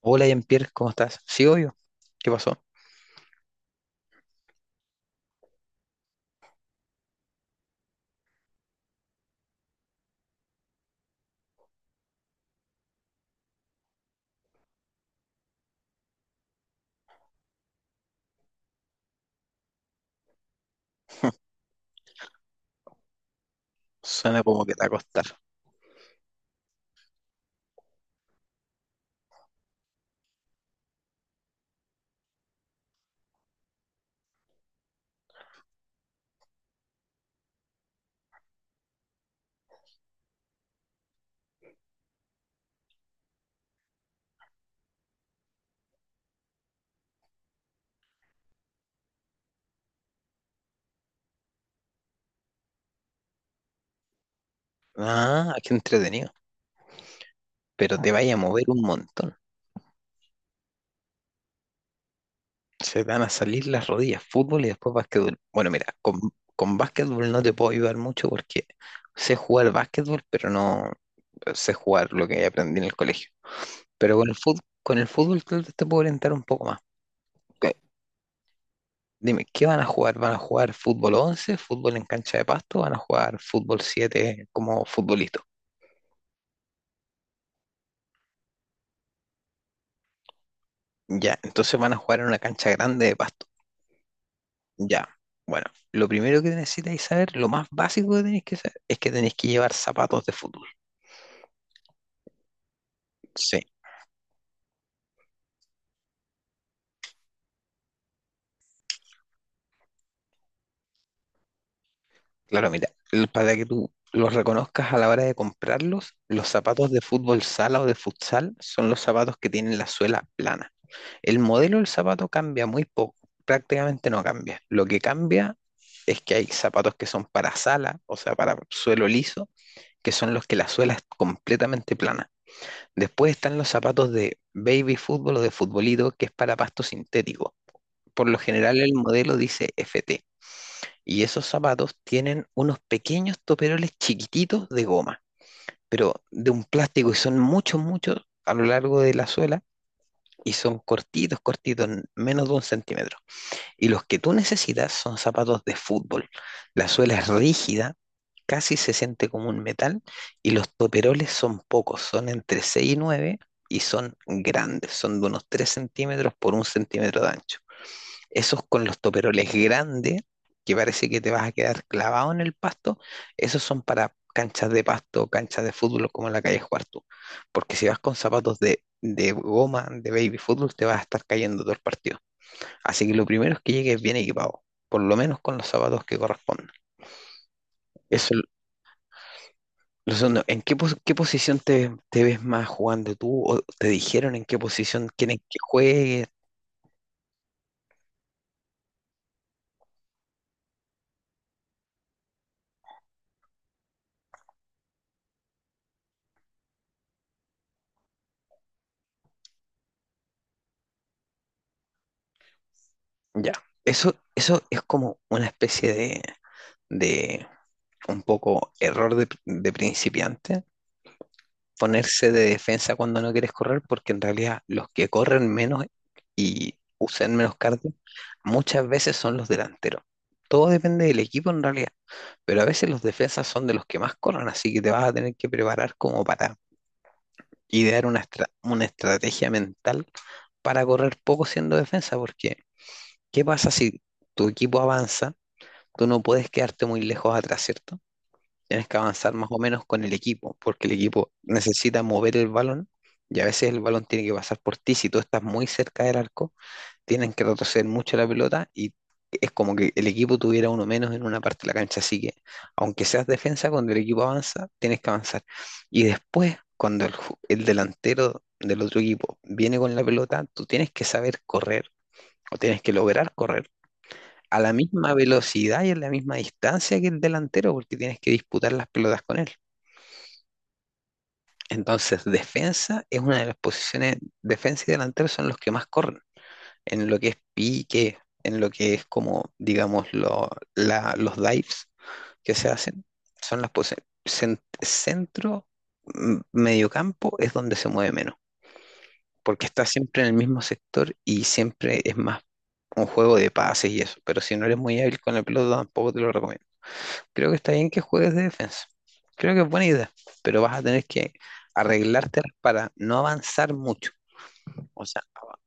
Hola, Jean-Pierre, ¿cómo estás? Sí, obvio. ¿Qué pasó? Suena como que te va a costar. Ah, qué entretenido. Pero te vaya a mover un montón. Se te van a salir las rodillas, fútbol y después básquetbol. Bueno, mira, con básquetbol no te puedo ayudar mucho porque sé jugar básquetbol, pero no sé jugar lo que aprendí en el colegio. Pero con el fútbol tal vez te puedo orientar un poco más. Ok. Dime, ¿qué van a jugar? ¿Van a jugar fútbol 11, fútbol en cancha de pasto? ¿Van a jugar fútbol 7 como futbolista? Ya, entonces van a jugar en una cancha grande de pasto. Ya, bueno, lo primero que necesitáis saber, lo más básico que tenéis que saber, es que tenéis que llevar zapatos de fútbol. Sí, claro, mira, para que tú los reconozcas a la hora de comprarlos, los zapatos de fútbol sala o de futsal son los zapatos que tienen la suela plana. El modelo del zapato cambia muy poco, prácticamente no cambia. Lo que cambia es que hay zapatos que son para sala, o sea, para suelo liso, que son los que la suela es completamente plana. Después están los zapatos de baby fútbol o de futbolito, que es para pasto sintético. Por lo general el modelo dice FT. Y esos zapatos tienen unos pequeños toperoles chiquititos de goma, pero de un plástico y son muchos, muchos a lo largo de la suela y son cortitos, cortitos, menos de un centímetro. Y los que tú necesitas son zapatos de fútbol. La suela es rígida, casi se siente como un metal y los toperoles son pocos, son entre 6 y 9, y son grandes, son de unos 3 centímetros por un centímetro de ancho. Esos con los toperoles grandes, que parece que te vas a quedar clavado en el pasto, esos son para canchas de pasto, canchas de fútbol como en la calle jugar tú. Porque si vas con zapatos de goma, de baby fútbol, te vas a estar cayendo todo el partido. Así que lo primero es que llegues bien equipado, por lo menos con los zapatos que corresponden. Eso es lo segundo. ¿Qué posición te ves más jugando tú? ¿O te dijeron en qué posición quieren que juegues? Ya. Eso es como una especie de, de un poco error de principiante, ponerse de defensa cuando no quieres correr, porque en realidad los que corren menos y usan menos cardio muchas veces son los delanteros. Todo depende del equipo en realidad, pero a veces los defensas son de los que más corren, así que te vas a tener que preparar como para idear una estrategia mental para correr poco siendo defensa, porque ¿qué pasa si tu equipo avanza? Tú no puedes quedarte muy lejos atrás, ¿cierto? Tienes que avanzar más o menos con el equipo, porque el equipo necesita mover el balón y a veces el balón tiene que pasar por ti. Si tú estás muy cerca del arco, tienen que retroceder mucho la pelota y es como que el equipo tuviera uno menos en una parte de la cancha. Así que, aunque seas defensa, cuando el equipo avanza, tienes que avanzar. Y después, cuando el delantero del otro equipo viene con la pelota, tú tienes que saber correr o tienes que lograr correr a la misma velocidad y a la misma distancia que el delantero, porque tienes que disputar las pelotas con él. Entonces, defensa es una de las posiciones, defensa y delantero son los que más corren, en lo que es pique, en lo que es, como, digamos, los dives que se hacen, son las posiciones. Centro, mediocampo es donde se mueve menos, porque está siempre en el mismo sector y siempre es más un juego de pases y eso, pero si no eres muy hábil con el pelota, tampoco te lo recomiendo. Creo que está bien que juegues de defensa. Creo que es buena idea, pero vas a tener que arreglártelas para no avanzar mucho. O sea,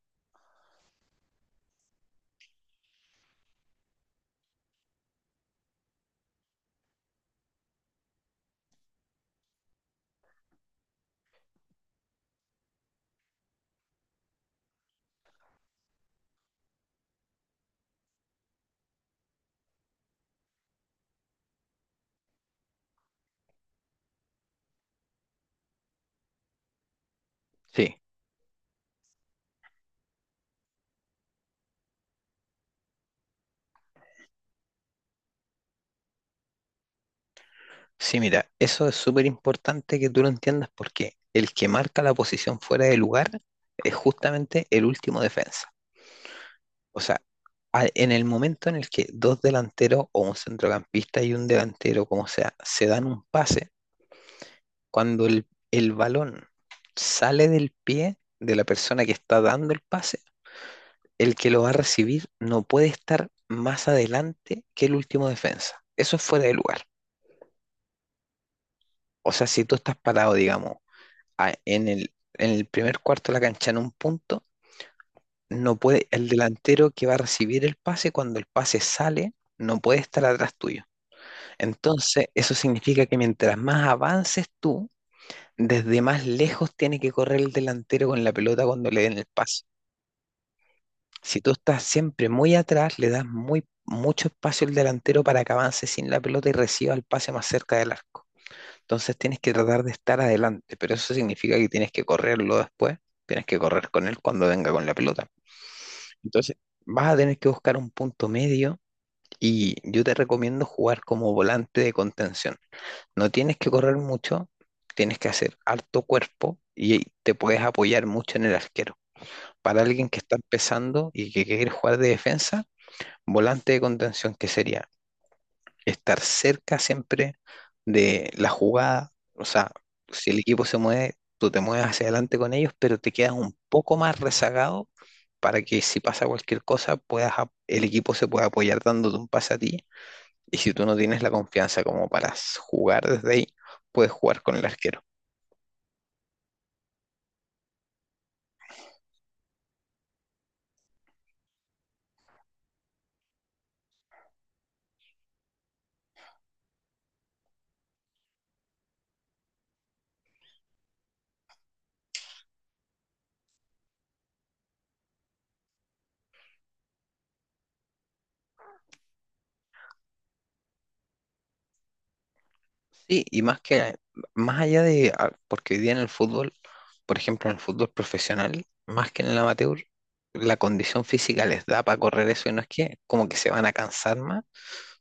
sí, sí, mira, eso es súper importante que tú lo entiendas porque el que marca la posición fuera de lugar es justamente el último defensa. O sea, en el momento en el que dos delanteros o un centrocampista y un delantero, como sea, se dan un pase, cuando el balón sale del pie de la persona que está dando el pase, el que lo va a recibir no puede estar más adelante que el último defensa. Eso es fuera de lugar. O sea, si tú estás parado, digamos, en el primer cuarto de la cancha en un punto, no puede, el delantero que va a recibir el pase, cuando el pase sale, no puede estar atrás tuyo. Entonces, eso significa que mientras más avances tú, desde más lejos tiene que correr el delantero con la pelota cuando le den el pase. Si tú estás siempre muy atrás, le das mucho espacio al delantero para que avance sin la pelota y reciba el pase más cerca del arco. Entonces tienes que tratar de estar adelante, pero eso significa que tienes que correrlo después, tienes que correr con él cuando venga con la pelota. Entonces vas a tener que buscar un punto medio y yo te recomiendo jugar como volante de contención. No tienes que correr mucho, tienes que hacer harto cuerpo y te puedes apoyar mucho en el arquero. Para alguien que está empezando y que quiere jugar de defensa, volante de contención, que sería estar cerca siempre de la jugada. O sea, si el equipo se mueve, tú te mueves hacia adelante con ellos, pero te quedas un poco más rezagado para que si pasa cualquier cosa, puedas, el equipo se pueda apoyar dándote un pase a ti. Y si tú no tienes la confianza como para jugar desde ahí, puedes jugar con el arquero. Sí, y más allá de, porque hoy día en el fútbol, por ejemplo, en el fútbol profesional, más que en el amateur, la condición física les da para correr eso y no es que como que se van a cansar más,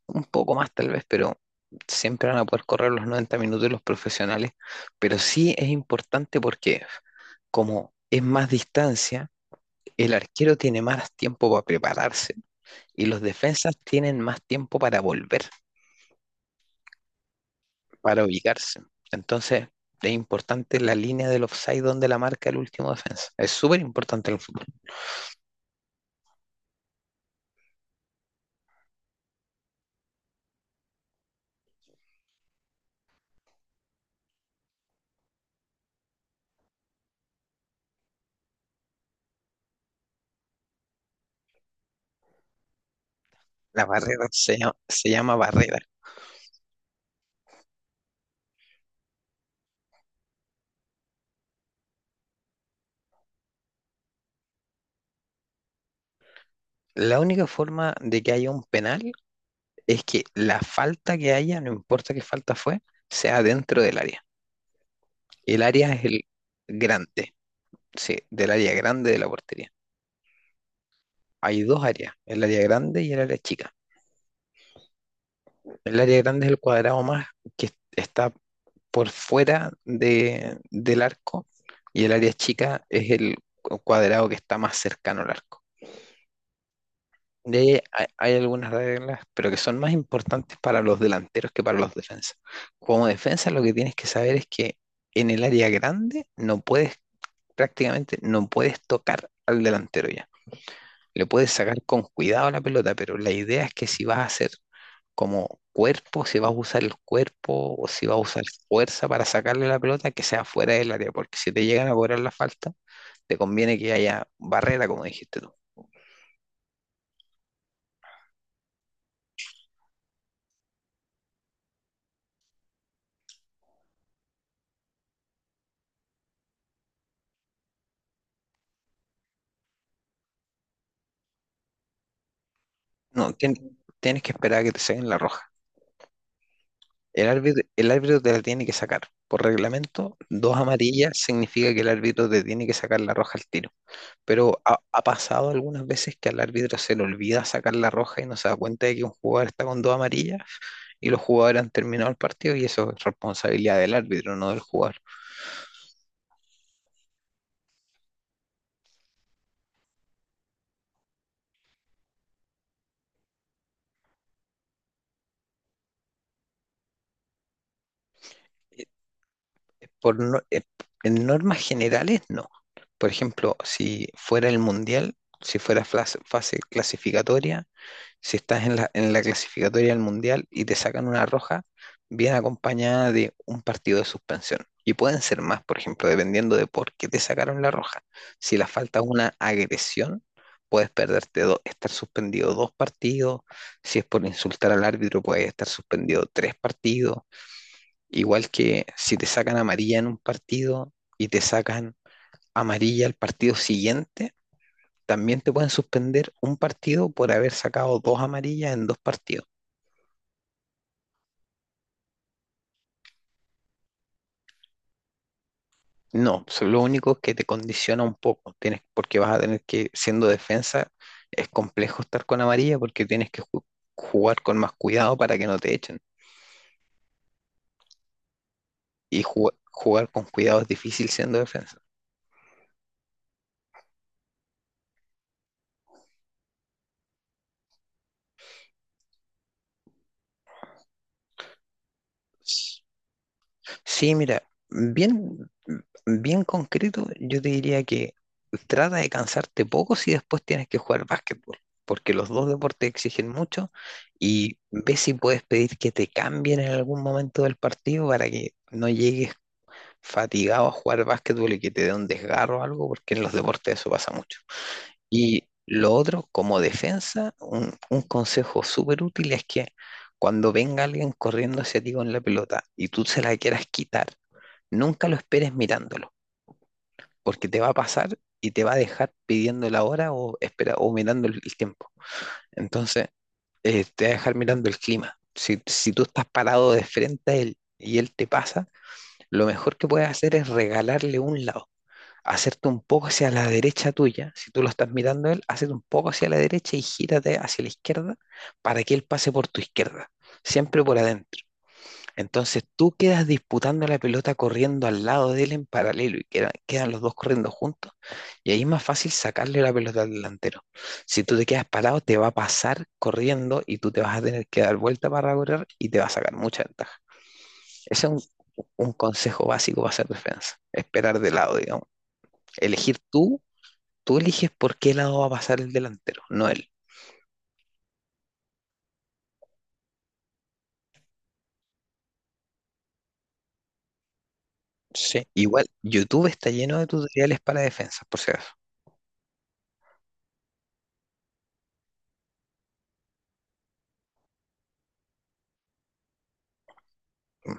un poco más tal vez, pero siempre van a poder correr los 90 minutos de los profesionales. Pero sí es importante porque como es más distancia, el arquero tiene más tiempo para prepararse y los defensas tienen más tiempo para volver. Para ubicarse. Entonces, es importante la línea del offside donde la marca el último defensa. Es súper importante en el fútbol. La barrera se llama barrera. La única forma de que haya un penal es que la falta que haya, no importa qué falta fue, sea dentro del área. El área es el grande, sí, del área grande de la portería. Hay dos áreas, el área grande y el área chica. El área grande es el cuadrado más que está por fuera de, del arco y el área chica es el cuadrado que está más cercano al arco. De ahí hay algunas reglas, pero que son más importantes para los delanteros que para los defensas. Como defensa, lo que tienes que saber es que en el área grande no puedes, prácticamente no puedes tocar al delantero ya. Le puedes sacar con cuidado la pelota, pero la idea es que si vas a hacer como cuerpo, si vas a usar el cuerpo o si vas a usar fuerza para sacarle la pelota, que sea fuera del área, porque si te llegan a cobrar la falta, te conviene que haya barrera, como dijiste tú. No, tienes que esperar a que te saquen la roja. El árbitro te la tiene que sacar. Por reglamento, dos amarillas significa que el árbitro te tiene que sacar la roja al tiro. Pero ha pasado algunas veces que al árbitro se le olvida sacar la roja y no se da cuenta de que un jugador está con dos amarillas y los jugadores han terminado el partido y eso es responsabilidad del árbitro, no del jugador. Por no- En normas generales, no. Por ejemplo, si fuera el mundial, si fuera fase clasificatoria. Si estás en la clasificatoria del Mundial y te sacan una roja, viene acompañada de un partido de suspensión. Y pueden ser más, por ejemplo, dependiendo de por qué te sacaron la roja. Si la falta es una agresión, puedes perderte, estar suspendido dos partidos. Si es por insultar al árbitro, puedes estar suspendido tres partidos. Igual que si te sacan amarilla en un partido y te sacan amarilla al partido siguiente, también te pueden suspender un partido por haber sacado dos amarillas en dos partidos. No, lo único es que te condiciona un poco, tienes, porque vas a tener que, siendo defensa, es complejo estar con amarilla porque tienes que jugar con más cuidado para que no te echen. Y jugar con cuidado es difícil siendo defensa. Sí, mira, bien, bien concreto, yo te diría que trata de cansarte poco si después tienes que jugar básquetbol, porque los dos deportes exigen mucho y ve si puedes pedir que te cambien en algún momento del partido para que no llegues fatigado a jugar básquetbol y que te dé un desgarro o algo, porque en los deportes eso pasa mucho. Y lo otro, como defensa, un consejo súper útil es que cuando venga alguien corriendo hacia ti con la pelota y tú se la quieras quitar, nunca lo esperes mirándolo, porque te va a pasar y te va a dejar pidiendo la hora o, espera, o mirando el tiempo. Entonces, te va a dejar mirando el clima. Si tú estás parado de frente a él y él te pasa, lo mejor que puedes hacer es regalarle un lado, hacerte un poco hacia la derecha tuya, si tú lo estás mirando a él, hacete un poco hacia la derecha y gírate hacia la izquierda para que él pase por tu izquierda, siempre por adentro. Entonces tú quedas disputando la pelota corriendo al lado de él en paralelo y quedan los dos corriendo juntos y ahí es más fácil sacarle la pelota al delantero. Si tú te quedas parado, te va a pasar corriendo y tú te vas a tener que dar vuelta para correr y te va a sacar mucha ventaja. Ese es un consejo básico para hacer defensa, esperar de lado, digamos. Elegir tú. Tú eliges por qué lado va a pasar el delantero, no él. Sí, igual, YouTube está lleno de tutoriales para defensas, por si acaso. Mm.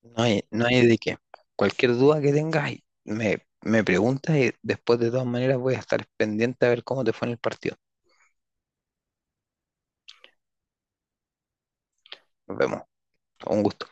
No hay, no hay de qué. Cualquier duda que tengas, me preguntas y después de todas maneras voy a estar pendiente a ver cómo te fue en el partido. Nos vemos. Un gusto.